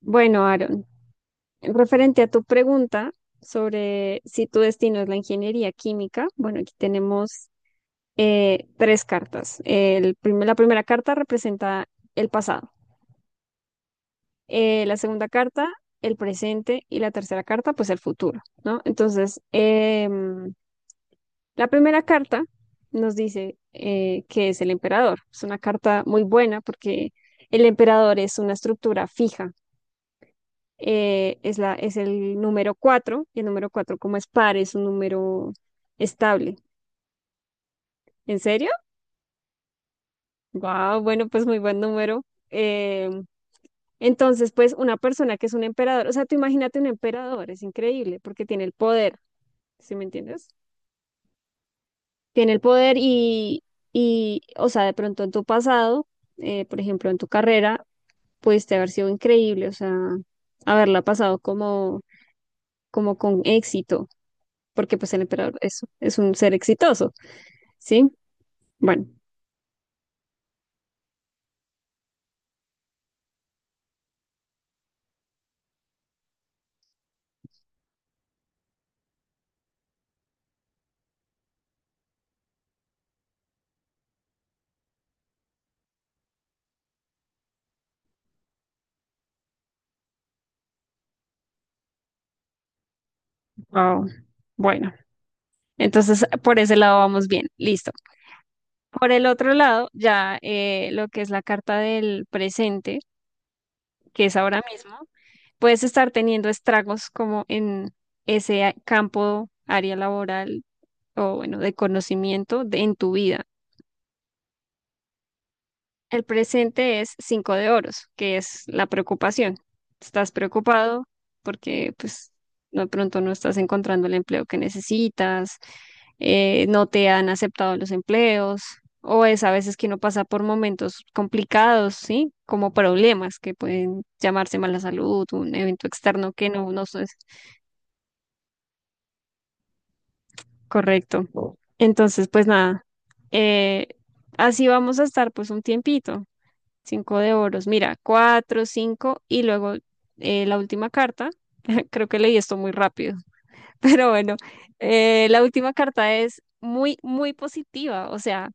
Bueno, Aaron, referente a tu pregunta sobre si tu destino es la ingeniería química, bueno, aquí tenemos tres cartas. La primera carta representa el pasado, la segunda carta, el presente y la tercera carta, pues el futuro, ¿no? Entonces, la primera carta nos dice que es el emperador. Es una carta muy buena porque el emperador es una estructura fija. Es el número cuatro, y el número cuatro, como es par, es un número estable. ¿En serio? Wow, bueno, pues muy buen número. Eh, entonces, pues una persona que es un emperador, o sea, tú imagínate un emperador, es increíble, porque tiene el poder. ¿Sí me entiendes? Tiene el poder y o sea, de pronto en tu pasado, por ejemplo, en tu carrera, pudiste haber sido increíble, o sea, haberla pasado como con éxito, porque pues el emperador es un ser exitoso. Sí, bueno, wow. Bueno, entonces por ese lado vamos bien, listo. Por el otro lado, ya lo que es la carta del presente, que es ahora mismo, puedes estar teniendo estragos como en ese campo, área laboral, o bueno, de conocimiento en tu vida. El presente es cinco de oros, que es la preocupación. Estás preocupado porque pues no, de pronto no estás encontrando el empleo que necesitas, no te han aceptado los empleos, o es a veces que uno pasa por momentos complicados, ¿sí? Como problemas que pueden llamarse mala salud, un evento externo que no es correcto. Entonces, pues nada, eh, así vamos a estar pues un tiempito. Cinco de oros. Mira, cuatro, cinco y luego la última carta. Creo que leí esto muy rápido, pero bueno, la última carta es muy, muy positiva, o sea,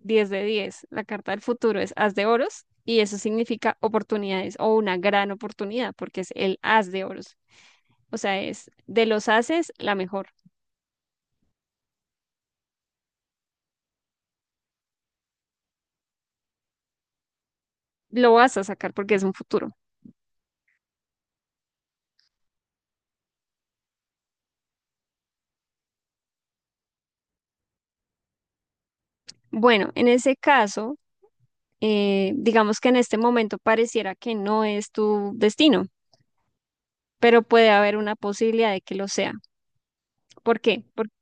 10 de diez. La carta del futuro es As de oros y eso significa oportunidades o una gran oportunidad porque es el As de oros. O sea, es de los ases la mejor. Lo vas a sacar porque es un futuro. Bueno, en ese caso, digamos que en este momento pareciera que no es tu destino, pero puede haber una posibilidad de que lo sea. ¿Por qué? Porque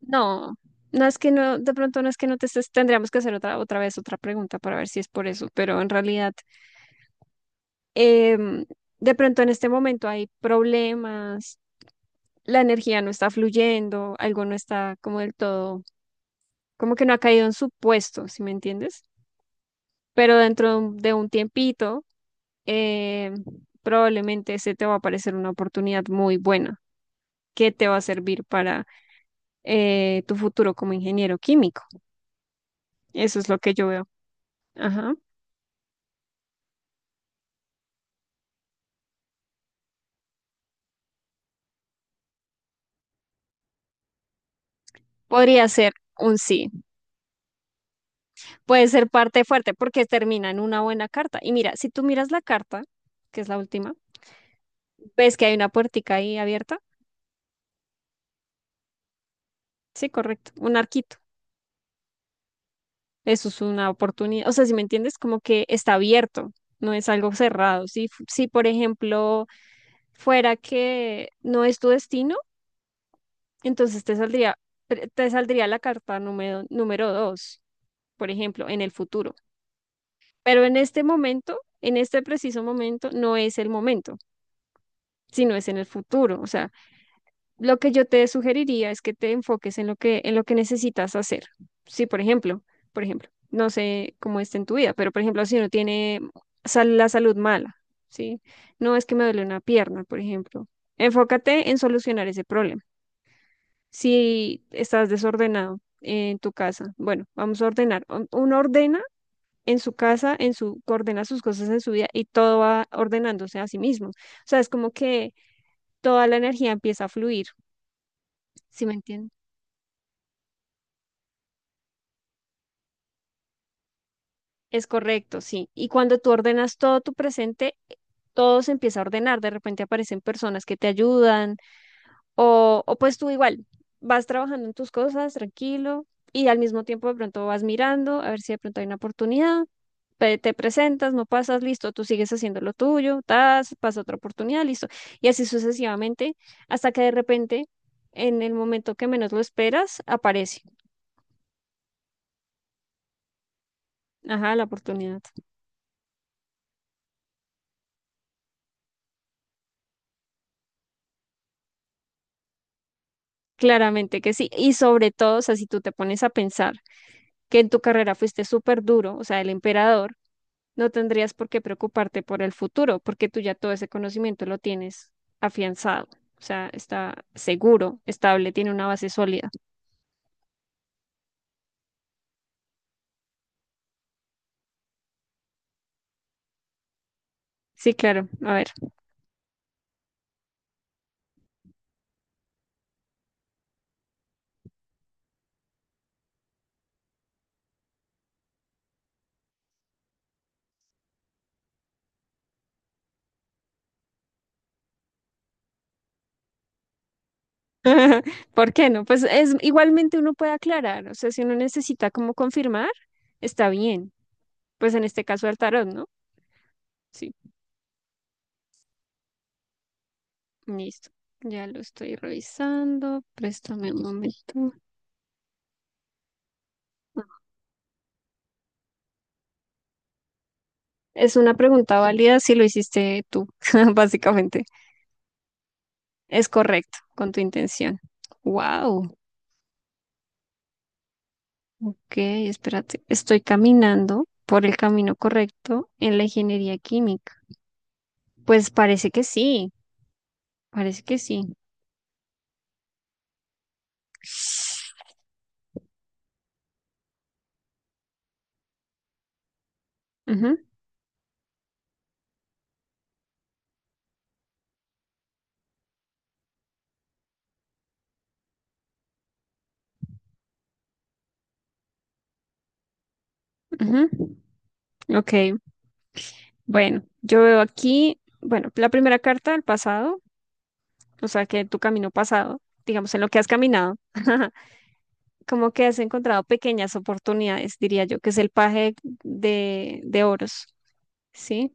no, no es que no, de pronto no es que no te estés. Tendríamos que hacer otra vez otra pregunta para ver si es por eso, pero en realidad, em, de pronto en este momento hay problemas, la energía no está fluyendo, algo no está como del todo, como que no ha caído en su puesto, ¿si me entiendes? Pero dentro de un tiempito, em, probablemente se te va a aparecer una oportunidad muy buena que te va a servir para tu futuro como ingeniero químico. Eso es lo que yo veo. Ajá. Podría ser un sí. Puede ser parte fuerte porque termina en una buena carta. Y mira, si tú miras la carta, que es la última, ves que hay una puertica ahí abierta. Sí, correcto. Un arquito. Eso es una oportunidad. O sea, si me entiendes, como que está abierto, no es algo cerrado. Si, si por ejemplo, fuera que no es tu destino, entonces te saldría, te saldría la carta número dos, por ejemplo, en el futuro. Pero en este momento, en este preciso momento, no es el momento, sino es en el futuro. O sea, lo que yo te sugeriría es que te enfoques en lo que necesitas hacer. Sí, por ejemplo, no sé cómo está en tu vida, pero por ejemplo, si uno tiene la salud mala, ¿sí? No es que me duele una pierna, por ejemplo. Enfócate en solucionar ese problema. Si estás desordenado en tu casa, bueno, vamos a ordenar. Uno ordena en su casa, coordena sus cosas en su vida y todo va ordenándose a sí mismo. O sea, es como que toda la energía empieza a fluir. ¿Sí me entiendes? Es correcto, sí. Y cuando tú ordenas todo tu presente, todo se empieza a ordenar. De repente aparecen personas que te ayudan, o pues tú igual vas trabajando en tus cosas tranquilo y al mismo tiempo de pronto vas mirando a ver si de pronto hay una oportunidad, te presentas, no pasas, listo, tú sigues haciendo lo tuyo, tas, pasa otra oportunidad, listo. Y así sucesivamente, hasta que de repente, en el momento que menos lo esperas, aparece, ajá, la oportunidad. Claramente que sí. Y sobre todo, o sea, si tú te pones a pensar que en tu carrera fuiste súper duro, o sea, el emperador, no tendrías por qué preocuparte por el futuro, porque tú ya todo ese conocimiento lo tienes afianzado. O sea, está seguro, estable, tiene una base sólida. Sí, claro. A ver. ¿Por qué no? Pues es igualmente uno puede aclarar, o sea, si uno necesita como confirmar, está bien. Pues en este caso al tarot, ¿no? Sí, listo. Ya lo estoy revisando. Préstame un momento. Es una pregunta válida si lo hiciste tú, básicamente. Es correcto con tu intención. Wow. Ok, espérate. Estoy caminando por el camino correcto en la ingeniería química. Pues parece que sí, parece que sí. Ujú, ujú. Ok, bueno, yo veo aquí, bueno, la primera carta del pasado, o sea, que tu camino pasado, digamos, en lo que has caminado, como que has encontrado pequeñas oportunidades, diría yo, que es el paje de oros, ¿sí?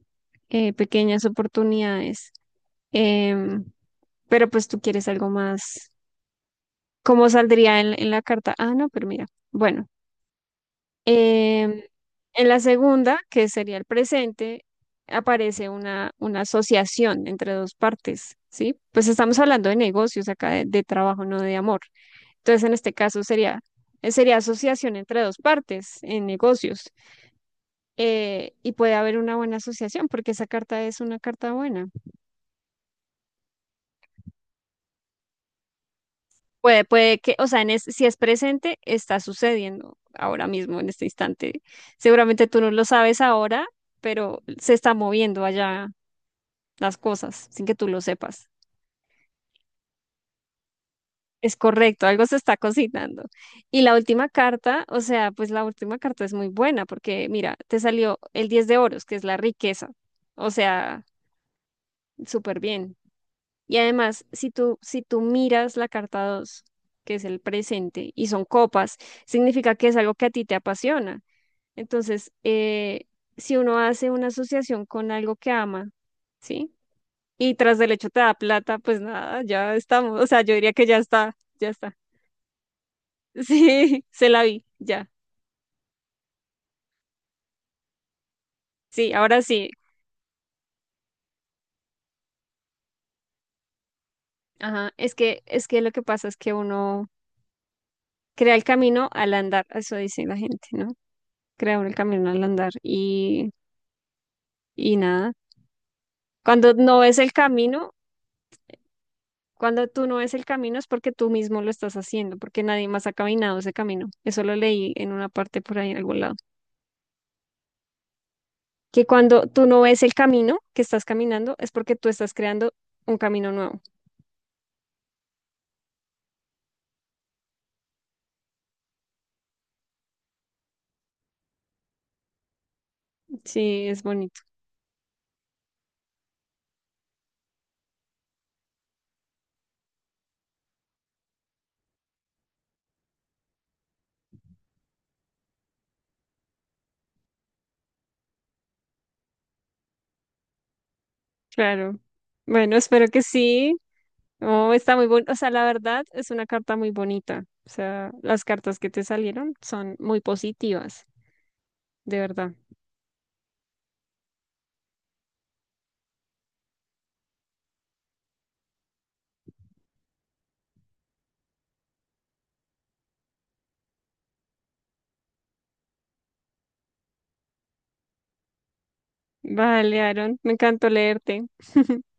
Pequeñas oportunidades. Em, pero pues tú quieres algo más. ¿Cómo saldría en la carta? Ah, no, pero mira. Bueno, Em, en la segunda, que sería el presente, aparece una asociación entre dos partes, ¿sí? Pues estamos hablando de negocios acá, de trabajo, no de amor. Entonces, en este caso sería asociación entre dos partes en negocios. Y puede haber una buena asociación porque esa carta es una carta buena. Puede que, o sea, si es presente, está sucediendo ahora mismo, en este instante. Seguramente tú no lo sabes ahora, pero se está moviendo allá las cosas sin que tú lo sepas. Es correcto, algo se está cocinando. Y la última carta, o sea, pues la última carta es muy buena porque mira, te salió el 10 de oros, que es la riqueza. O sea, súper bien. Y además, si tú, miras la carta dos, que es el presente, y son copas, significa que es algo que a ti te apasiona. Entonces, si uno hace una asociación con algo que ama, ¿sí? Y tras del hecho te da plata, pues nada, ya estamos. O sea, yo diría que ya está, ya está. Sí, se la vi, ya. Sí, ahora sí. Ajá, es que lo que pasa es que uno crea el camino al andar, eso dice la gente, ¿no? Crea uno el camino al andar y nada. Cuando no ves el camino, cuando tú no ves el camino es porque tú mismo lo estás haciendo, porque nadie más ha caminado ese camino. Eso lo leí en una parte por ahí en algún lado. Que cuando tú no ves el camino que estás caminando es porque tú estás creando un camino nuevo. Sí, es bonito. Claro. Bueno, espero que sí. Oh, está muy bonito. O sea, la verdad es una carta muy bonita. O sea, las cartas que te salieron son muy positivas, de verdad. Vale, Aaron, me encantó leerte.